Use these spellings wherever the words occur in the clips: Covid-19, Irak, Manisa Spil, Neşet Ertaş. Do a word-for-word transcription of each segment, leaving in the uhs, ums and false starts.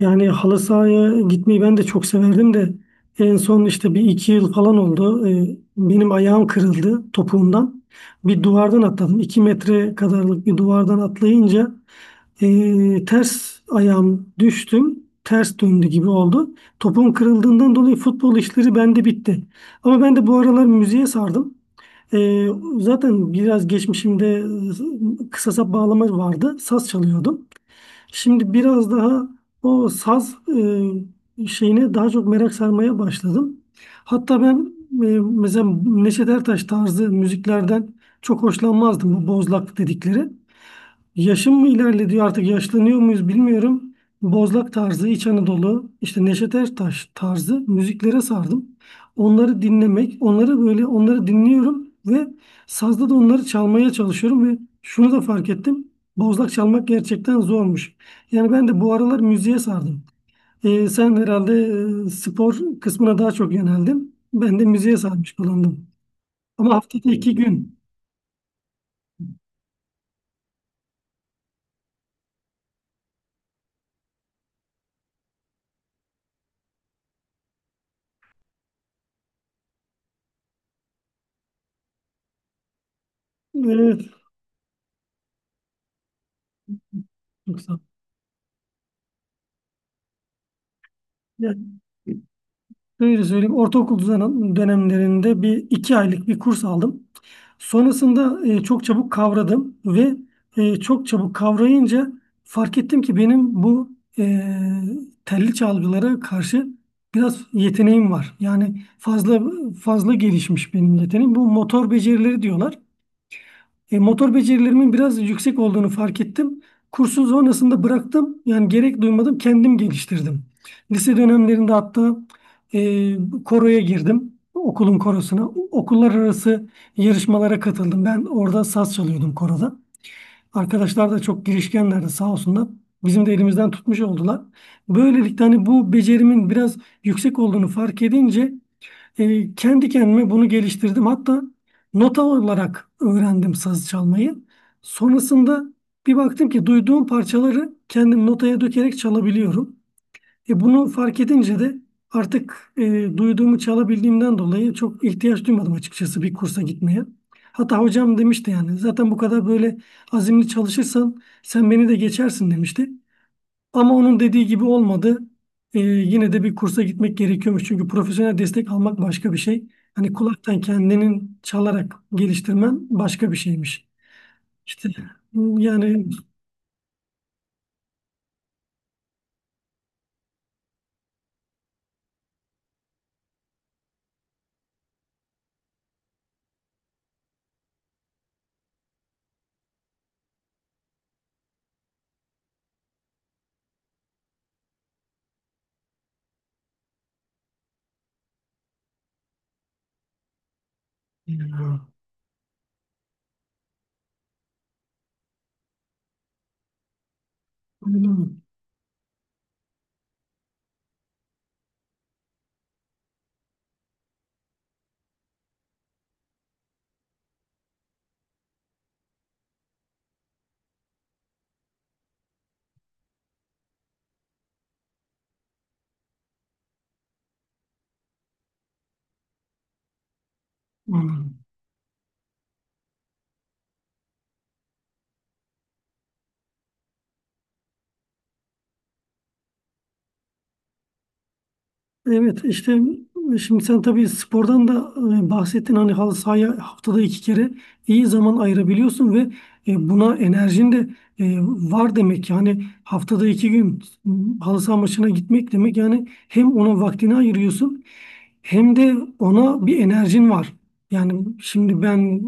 Yani halı sahaya gitmeyi ben de çok severdim de en son işte bir iki yıl falan oldu. Ee, Benim ayağım kırıldı topuğumdan. Bir duvardan atladım. iki metre kadarlık bir duvardan atlayınca ee, ters ayağım düştüm. Ters döndü gibi oldu. Topuğum kırıldığından dolayı futbol işleri bende bitti. Ama ben de bu aralar müziğe sardım. Ee, zaten biraz geçmişimde e, kısa sap bağlama vardı. Saz çalıyordum. Şimdi biraz daha o saz e, şeyine daha çok merak sarmaya başladım. Hatta ben e, mesela Neşet Ertaş tarzı müziklerden çok hoşlanmazdım bu bozlak dedikleri. Yaşım mı ilerlediği artık yaşlanıyor muyuz bilmiyorum. Bozlak tarzı, İç Anadolu, işte Neşet Ertaş tarzı müziklere sardım. Onları dinlemek, onları böyle onları dinliyorum ve sazda da onları çalmaya çalışıyorum ve şunu da fark ettim. Bozlak çalmak gerçekten zormuş. Yani ben de bu aralar müziğe sardım. Ee, sen herhalde e, spor kısmına daha çok yöneldin. Ben de müziğe sarmış bulundum. Ama haftada iki gün. Evet, çok sağ ol. Yani, şöyle söyleyeyim, ortaokul düzen- dönemlerinde bir iki aylık bir kurs aldım. Sonrasında e, çok çabuk kavradım ve e, çok çabuk kavrayınca fark ettim ki benim bu e, telli çalgılara karşı biraz yeteneğim var. Yani fazla fazla gelişmiş benim yeteneğim. Bu motor becerileri diyorlar. E, motor becerilerimin biraz yüksek olduğunu fark ettim. Kursun sonrasında bıraktım. Yani gerek duymadım, kendim geliştirdim. Lise dönemlerinde hatta e, koroya girdim. Okulun korosuna. Okullar arası yarışmalara katıldım. Ben orada saz çalıyordum koroda. Arkadaşlar da çok girişkenlerdi sağ olsunlar. Bizim de elimizden tutmuş oldular. Böylelikle hani bu becerimin biraz yüksek olduğunu fark edince e, kendi kendime bunu geliştirdim. Hatta nota olarak öğrendim saz çalmayı. Sonrasında bir baktım ki duyduğum parçaları kendim notaya dökerek çalabiliyorum. E, bunu fark edince de artık e, duyduğumu çalabildiğimden dolayı çok ihtiyaç duymadım açıkçası bir kursa gitmeye. Hatta hocam demişti yani zaten bu kadar böyle azimli çalışırsan sen beni de geçersin demişti. Ama onun dediği gibi olmadı. Ee, yine de bir kursa gitmek gerekiyormuş. Çünkü profesyonel destek almak başka bir şey. Hani kulaktan kendinin çalarak geliştirmen başka bir şeymiş. İşte, yani... Ya, anladım, anladım. Evet, işte şimdi sen tabii spordan da e, bahsettin, hani halı sahaya haftada iki kere iyi zaman ayırabiliyorsun ve e, buna enerjin de e, var demek. Yani haftada iki gün m, halı saha maçına gitmek demek, yani hem ona vaktini ayırıyorsun hem de ona bir enerjin var. Yani şimdi ben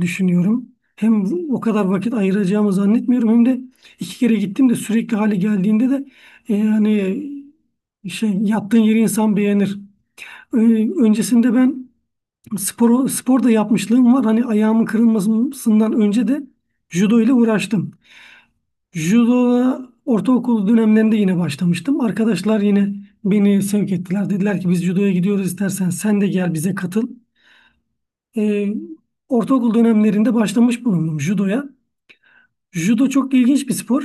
düşünüyorum, hem o kadar vakit ayıracağımı zannetmiyorum hem de iki kere gittim de sürekli hale geldiğinde de e, yani şey, yattığın yeri insan beğenir. Ö- Öncesinde ben spor, spor da yapmışlığım var. Hani ayağımın kırılmasından önce de judo ile uğraştım. Judo'ya ortaokul dönemlerinde yine başlamıştım. Arkadaşlar yine beni sevk ettiler. Dediler ki biz judoya gidiyoruz, istersen sen de gel bize katıl. Ee, ortaokul dönemlerinde başlamış bulundum judoya. Judo çok ilginç bir spor.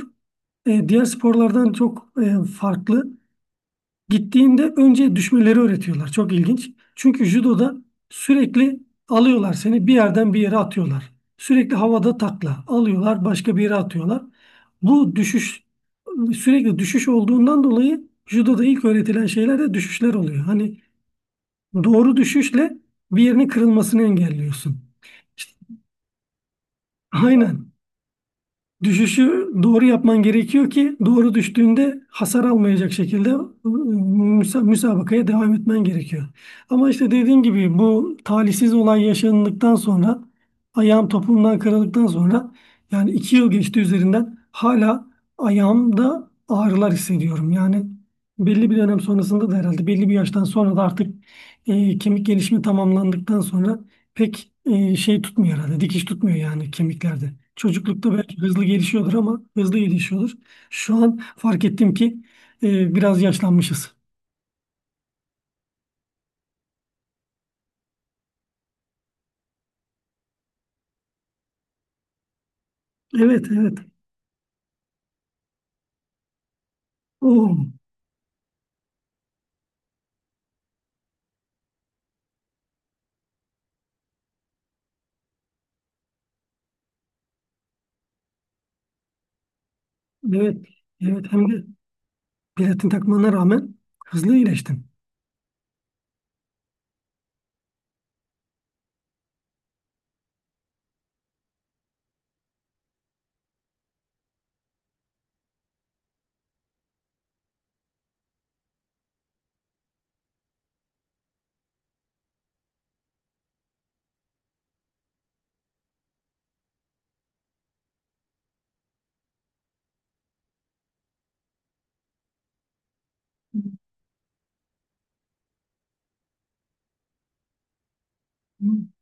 E, diğer sporlardan çok e, farklı. Gittiğinde önce düşmeleri öğretiyorlar. Çok ilginç. Çünkü judoda sürekli alıyorlar seni, bir yerden bir yere atıyorlar. Sürekli havada takla alıyorlar, başka bir yere atıyorlar. Bu düşüş sürekli düşüş olduğundan dolayı judoda ilk öğretilen şeyler de düşüşler oluyor. Hani doğru düşüşle bir yerinin kırılmasını engelliyorsun. İşte, aynen. Düşüşü doğru yapman gerekiyor ki doğru düştüğünde hasar almayacak şekilde ıı, müsa- müsabakaya devam etmen gerekiyor. Ama işte dediğim gibi bu talihsiz olay yaşandıktan sonra, ayağım topuğumdan kırıldıktan sonra, yani iki yıl geçti üzerinden, hala ayağımda ağrılar hissediyorum. Yani belli bir dönem sonrasında da herhalde, belli bir yaştan sonra da artık e, kemik gelişimi tamamlandıktan sonra pek e, şey tutmuyor herhalde. Dikiş tutmuyor yani kemiklerde. Çocuklukta belki hızlı gelişiyordur ama hızlı gelişiyordur. Şu an fark ettim ki e, biraz yaşlanmışız. Evet, evet. Oo, evet, evet. Hem de platin takmana rağmen hızlı iyileştim.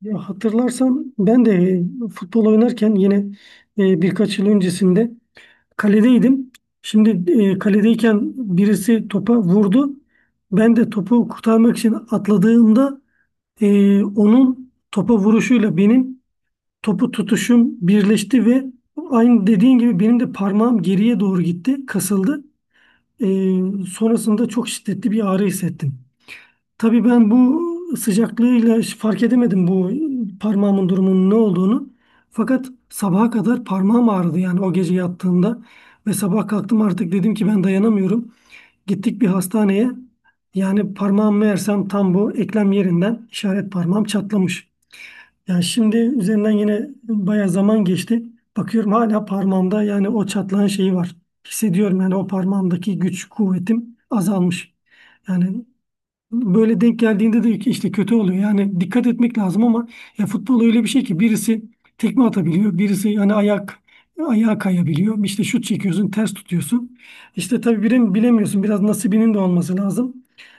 Ya hatırlarsan ben de e, futbol oynarken yine e, birkaç yıl öncesinde kaledeydim. Şimdi e, kaledeyken birisi topa vurdu. Ben de topu kurtarmak için atladığımda, Ee, onun topa vuruşuyla benim topu tutuşum birleşti ve aynı dediğin gibi benim de parmağım geriye doğru gitti, kasıldı. Ee, sonrasında çok şiddetli bir ağrı hissettim. Tabii ben bu sıcaklığıyla hiç fark edemedim bu parmağımın durumunun ne olduğunu. Fakat sabaha kadar parmağım ağrıdı, yani o gece yattığımda, ve sabah kalktım artık dedim ki ben dayanamıyorum. Gittik bir hastaneye. Yani parmağım meğersem tam bu eklem yerinden, işaret parmağım çatlamış. Yani şimdi üzerinden yine bayağı zaman geçti. Bakıyorum hala parmağımda yani o çatlağın şeyi var. Hissediyorum yani, o parmağımdaki güç, kuvvetim azalmış. Yani böyle denk geldiğinde de işte kötü oluyor. Yani dikkat etmek lazım ama ya futbol öyle bir şey ki, birisi tekme atabiliyor, birisi yani ayak ayağa kayabiliyor. İşte şut çekiyorsun, ters tutuyorsun. İşte tabii birini bilemiyorsun. Biraz nasibinin de olması lazım.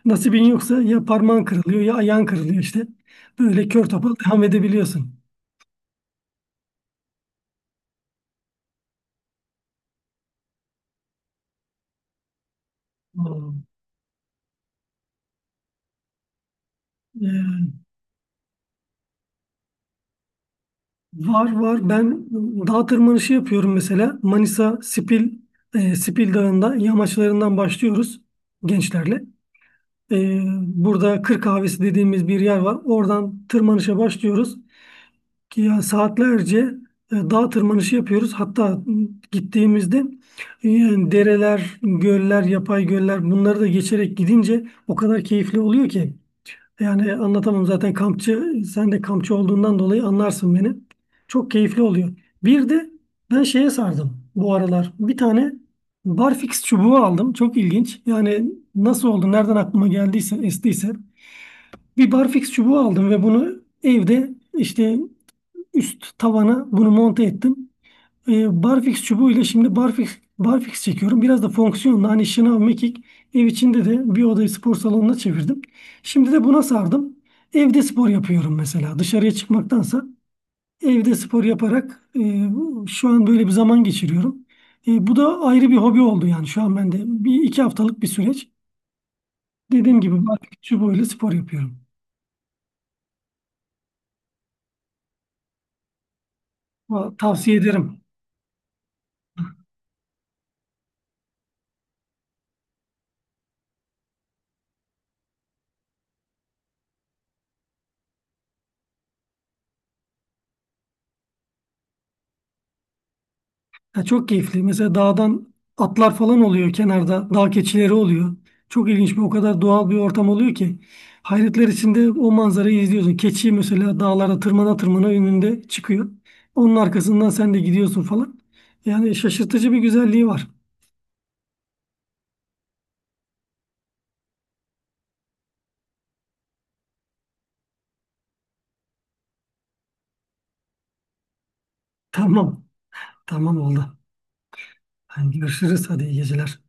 Nasibin yoksa ya parmağın kırılıyor ya ayağın kırılıyor işte. Böyle kör topal devam edebiliyorsun. Hmm. Ee, var var, ben dağ tırmanışı yapıyorum mesela, Manisa Spil e, Spil Dağı'nda yamaçlarından başlıyoruz gençlerle. Ee, burada Kır Kahvesi dediğimiz bir yer var. Oradan tırmanışa başlıyoruz ki ya saatlerce e, dağ tırmanışı yapıyoruz. Hatta m, gittiğimizde e, yani dereler, göller, yapay göller, bunları da geçerek gidince o kadar keyifli oluyor ki. Yani anlatamam, zaten kampçı, sen de kampçı olduğundan dolayı anlarsın beni. Çok keyifli oluyor. Bir de ben şeye sardım bu aralar. Bir tane barfix çubuğu aldım. Çok ilginç. Yani nasıl oldu, nereden aklıma geldiyse, estiyse. Bir barfix çubuğu aldım ve bunu evde işte üst tavana bunu monte ettim. E, barfix çubuğuyla şimdi barfix barfix çekiyorum. Biraz da fonksiyonla, hani şınav, mekik, ev içinde de bir odayı spor salonuna çevirdim. Şimdi de buna sardım. Evde spor yapıyorum mesela. Dışarıya çıkmaktansa evde spor yaparak e, şu an böyle bir zaman geçiriyorum. E, bu da ayrı bir hobi oldu yani şu an bende. Bir iki haftalık bir süreç. Dediğim gibi barfix çubuğuyla spor yapıyorum. Va- Tavsiye ederim. Ya çok keyifli. Mesela dağdan atlar falan oluyor kenarda. Dağ keçileri oluyor. Çok ilginç, bir o kadar doğal bir ortam oluyor ki. Hayretler içinde o manzarayı izliyorsun. Keçi mesela dağlara tırmana tırmana önünde çıkıyor. Onun arkasından sen de gidiyorsun falan. Yani şaşırtıcı bir güzelliği var. Tamam. Tamam oldu. Hadi görüşürüz. Hadi iyi geceler.